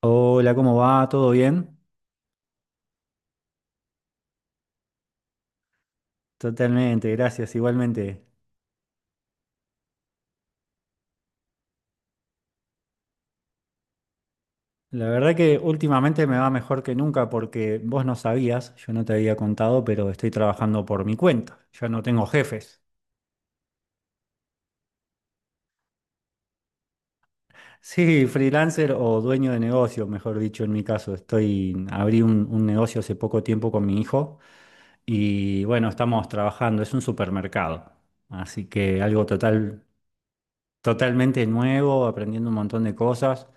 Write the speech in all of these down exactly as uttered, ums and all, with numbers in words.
Hola, ¿cómo va? ¿Todo bien? Totalmente, gracias, igualmente. La verdad que últimamente me va mejor que nunca porque vos no sabías, yo no te había contado, pero estoy trabajando por mi cuenta, ya no tengo jefes. Sí, freelancer o dueño de negocio, mejor dicho, en mi caso. Estoy, abrí un, un negocio hace poco tiempo con mi hijo y bueno, estamos trabajando, es un supermercado, así que algo total, totalmente nuevo, aprendiendo un montón de cosas.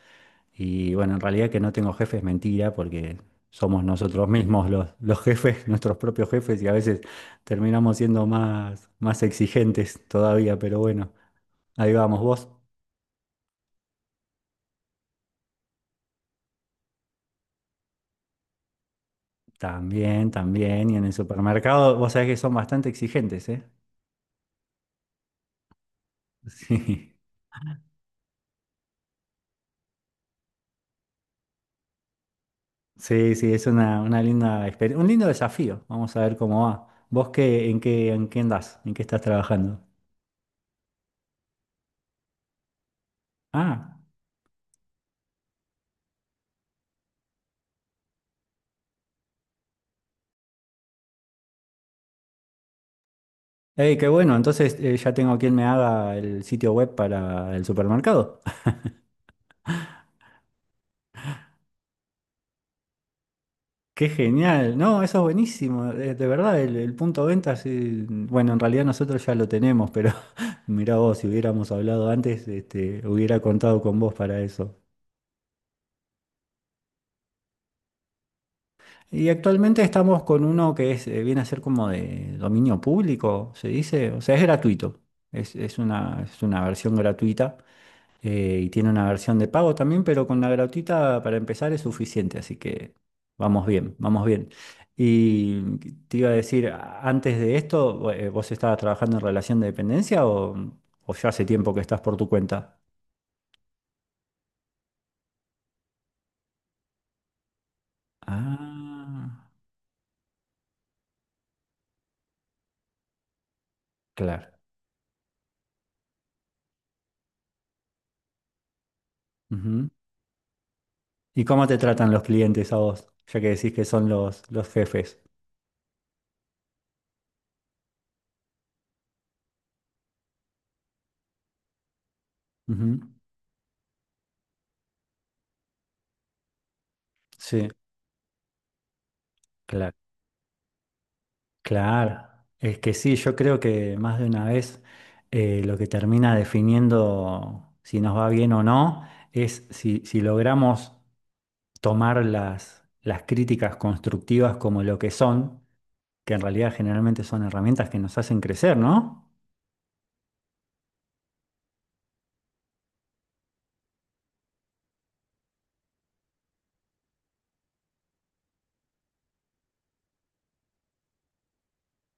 Y bueno, en realidad que no tengo jefe es mentira porque somos nosotros mismos los, los jefes, nuestros propios jefes y a veces terminamos siendo más, más exigentes todavía, pero bueno, ahí vamos vos. También, también. Y en el supermercado, vos sabés que son bastante exigentes, ¿eh? Sí, sí, sí, es una, una linda experiencia, un lindo desafío. Vamos a ver cómo va. ¿Vos qué, en qué, en qué andás? ¿En qué estás trabajando? Ah, hey, qué bueno. Entonces eh, ya tengo quien me haga el sitio web para el supermercado. Qué genial, no, eso es buenísimo, eh, de verdad, el, el punto de venta, sí, bueno, en realidad nosotros ya lo tenemos, pero mirá vos, si hubiéramos hablado antes, este, hubiera contado con vos para eso. Y actualmente estamos con uno que es, eh, viene a ser como de dominio público, se dice, o sea, es gratuito, es, es una, es una versión gratuita eh, y tiene una versión de pago también, pero con la gratuita para empezar es suficiente, así que vamos bien, vamos bien. Y te iba a decir, a- antes de esto, eh, ¿vos estabas trabajando en relación de dependencia o, o ya hace tiempo que estás por tu cuenta? Ah, claro. Ujú. ¿Y cómo te tratan los clientes a vos? Ya que decís que son los, los jefes. Ujú. Sí, claro. Claro, es que sí, yo creo que más de una vez eh, lo que termina definiendo si nos va bien o no es si, si logramos tomar las, las críticas constructivas como lo que son, que en realidad generalmente son herramientas que nos hacen crecer, ¿no?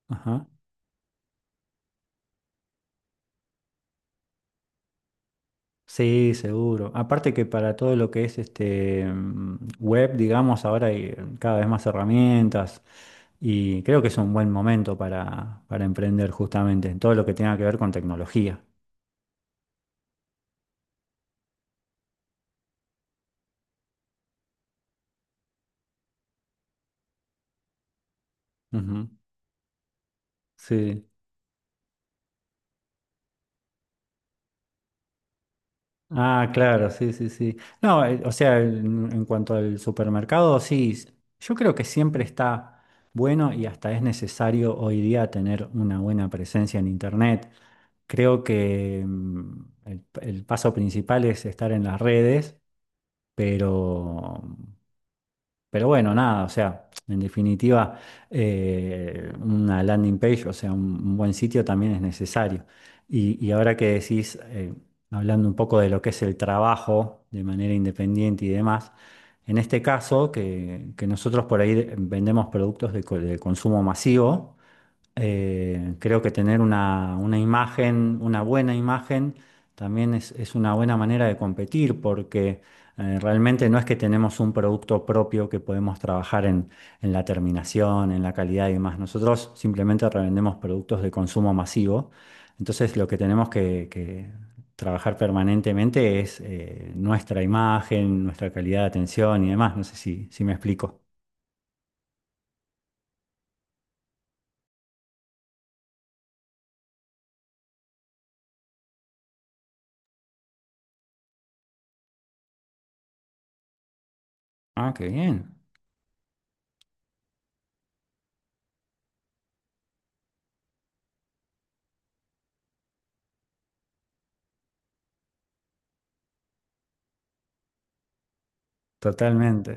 Ajá. Sí, seguro. Aparte que para todo lo que es este mm, web, digamos, ahora hay mm, cada vez más herramientas y creo que es un buen momento para, para emprender justamente en todo lo que tenga que ver con tecnología. Ujú. Sí. Ah, claro, sí, sí, sí. No, eh, o sea, en, en cuanto al supermercado, sí, s- yo creo que siempre está bueno y hasta es necesario hoy día tener una buena presencia en Internet. Creo que mm, el, el paso principal es estar en las redes, pero pero bueno, nada, o sea, en definitiva, eh, una landing page, o sea, un, un buen sitio también es necesario. Y, y ahora que decís, eh, hablando un poco de lo que es el trabajo de manera independiente y demás, en este caso, que, que nosotros por ahí vendemos productos de, co- de consumo masivo, eh, creo que tener una, una imagen, una buena imagen, también es, es una buena manera de competir porque eh, realmente no es que tenemos un producto propio que podemos trabajar en, en la terminación, en la calidad y demás. Nosotros simplemente revendemos productos de consumo masivo. Entonces lo que tenemos que, que trabajar permanentemente es eh, nuestra imagen, nuestra calidad de atención y demás. No sé si, si me explico. Ah, qué bien. Totalmente.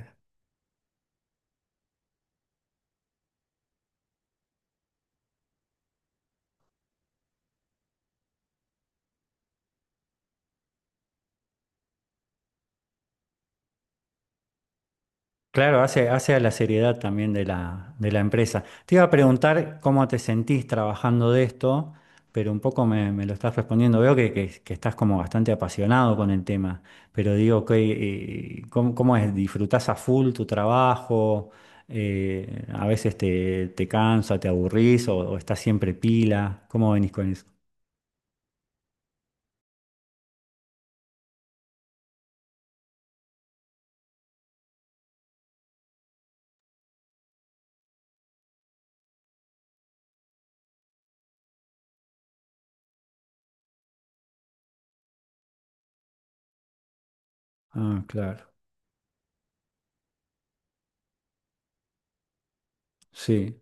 Claro, hace, hace a la seriedad también de la, de la empresa. Te iba a preguntar cómo te sentís trabajando de esto, pero un poco me, me lo estás respondiendo. Veo que, que- que estás como bastante apasionado con el tema, pero digo, que, eh, ¿cómo, cómo es? ¿Disfrutás a full tu trabajo? Eh, ¿a veces te, te cansa, te aburrís o, o estás siempre pila? ¿Cómo venís con eso? Ah, claro, sí.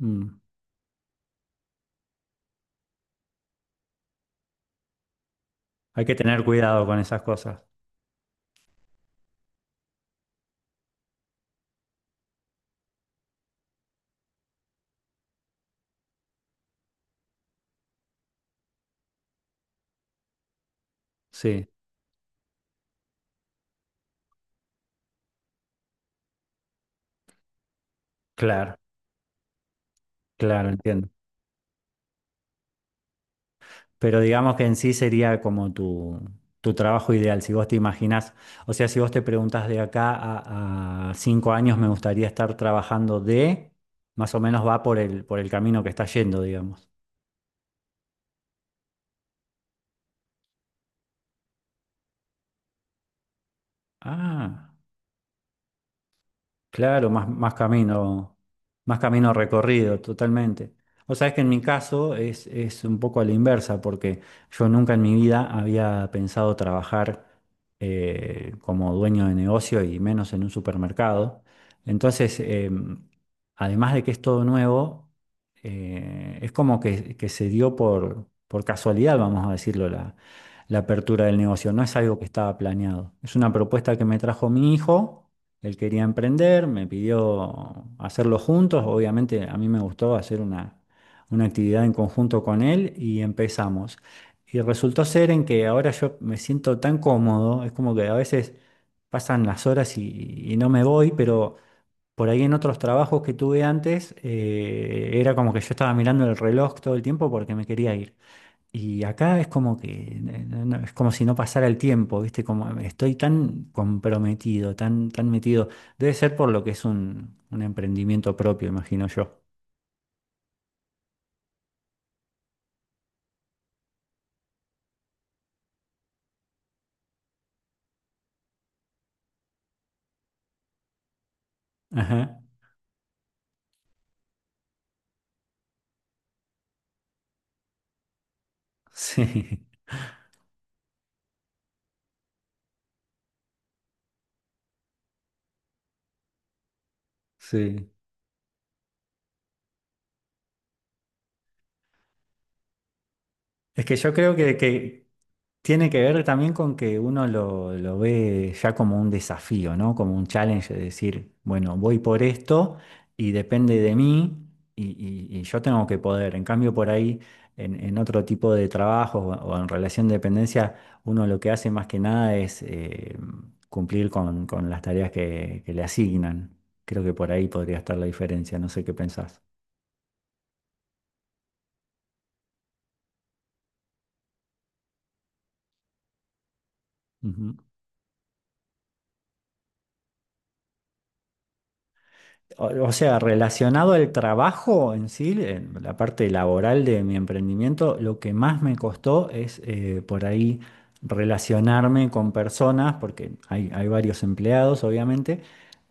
Mm. Hay que tener cuidado con esas cosas. Sí, claro, claro, entiendo. Pero digamos que en sí sería como tu, tu trabajo ideal, si vos te imaginás, o sea, si vos te preguntás de acá a, a cinco años me gustaría estar trabajando de, más o menos va por el, por el camino que está yendo, digamos. Ah. Claro, más, más camino, más camino recorrido, totalmente. O sea, es que en mi caso es, es un poco a la inversa, porque yo nunca en mi vida había pensado trabajar eh, como dueño de negocio y menos en un supermercado. Entonces, em, además de que es todo nuevo, eh, es como que, que se dio por, por casualidad, vamos a decirlo, la, la apertura del negocio. No es algo que estaba planeado. Es una propuesta que me trajo mi hijo. Él quería emprender, me pidió hacerlo juntos. Obviamente a mí me gustó hacer una, una actividad en conjunto con él y empezamos. Y resultó ser en que ahora yo me siento tan cómodo, es como que a veces pasan las horas y, y no me voy, pero por ahí en otros trabajos que tuve antes, eh, era como que yo estaba mirando el reloj todo el tiempo porque me quería ir. Y acá es como que, eh, no- no, es como si no pasara el tiempo, ¿viste? Como estoy tan comprometido, tan, tan metido. Debe ser por lo que es un, un emprendimiento propio, imagino yo. Ajá. Sí, sí. Es que yo creo que, que, tiene que ver también con que uno lo, lo ve ya como un desafío, ¿no? Como un challenge de decir, bueno, voy por esto y depende de mí y, y- y yo tengo que poder. En cambio, por ahí, en, en otro tipo de trabajo o, o en relación de dependencia, uno lo que hace más que nada es eh, cumplir con, con las tareas que, que le asignan. Creo que por ahí podría estar la diferencia, no sé qué pensás. Ujú. O o sea, relacionado al trabajo en sí, en la parte laboral de mi emprendimiento, lo que más me costó es eh, por ahí relacionarme con personas, porque hay, hay varios empleados, obviamente,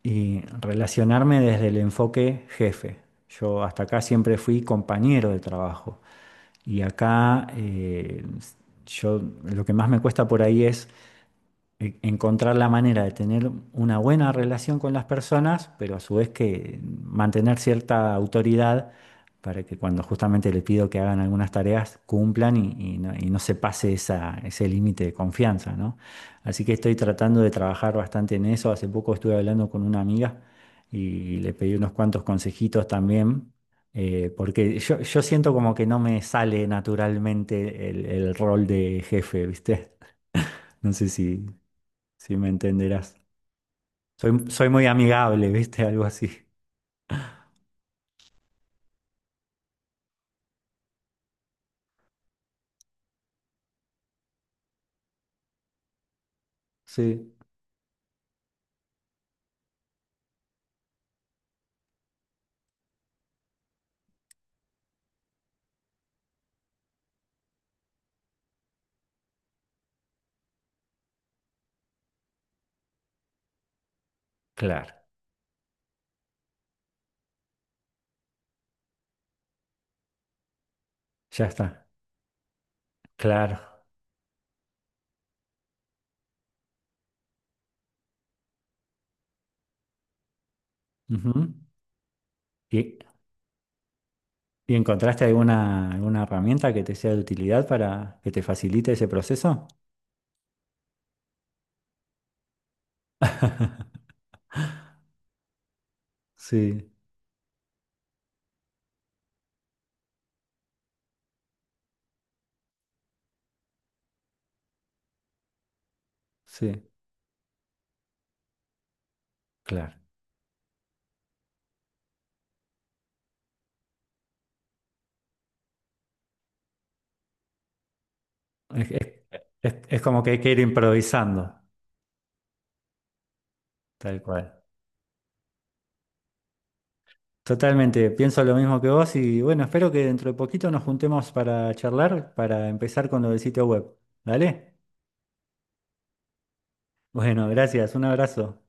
y relacionarme desde el enfoque jefe. Yo hasta acá siempre fui compañero de trabajo y acá eh, yo lo que más me cuesta por ahí es e- encontrar la manera de tener una buena relación con las personas, pero a su vez que mantener cierta autoridad para que cuando justamente le pido que hagan algunas tareas cumplan y, y no, y no se pase esa, ese límite de confianza, ¿no? Así que estoy tratando de trabajar bastante en eso. Hace poco estuve hablando con una amiga y le pedí unos cuantos consejitos también. Eh, porque yo, yo siento como que no me sale naturalmente el, el rol de jefe, ¿viste? No sé si, si me entenderás. Soy, soy muy amigable, ¿viste? Algo así. Sí. Claro, ya está. Claro. Ujú. ¿Y, y encontraste alguna, alguna herramienta que te sea de utilidad para que te facilite ese proceso? Sí, sí. Claro. Es, es- es- es como que hay que ir improvisando, tal cual. Totalmente, pienso lo mismo que vos y bueno, espero que dentro de poquito nos juntemos para charlar, para empezar con lo del sitio web. ¿Dale? Bueno, gracias, un abrazo.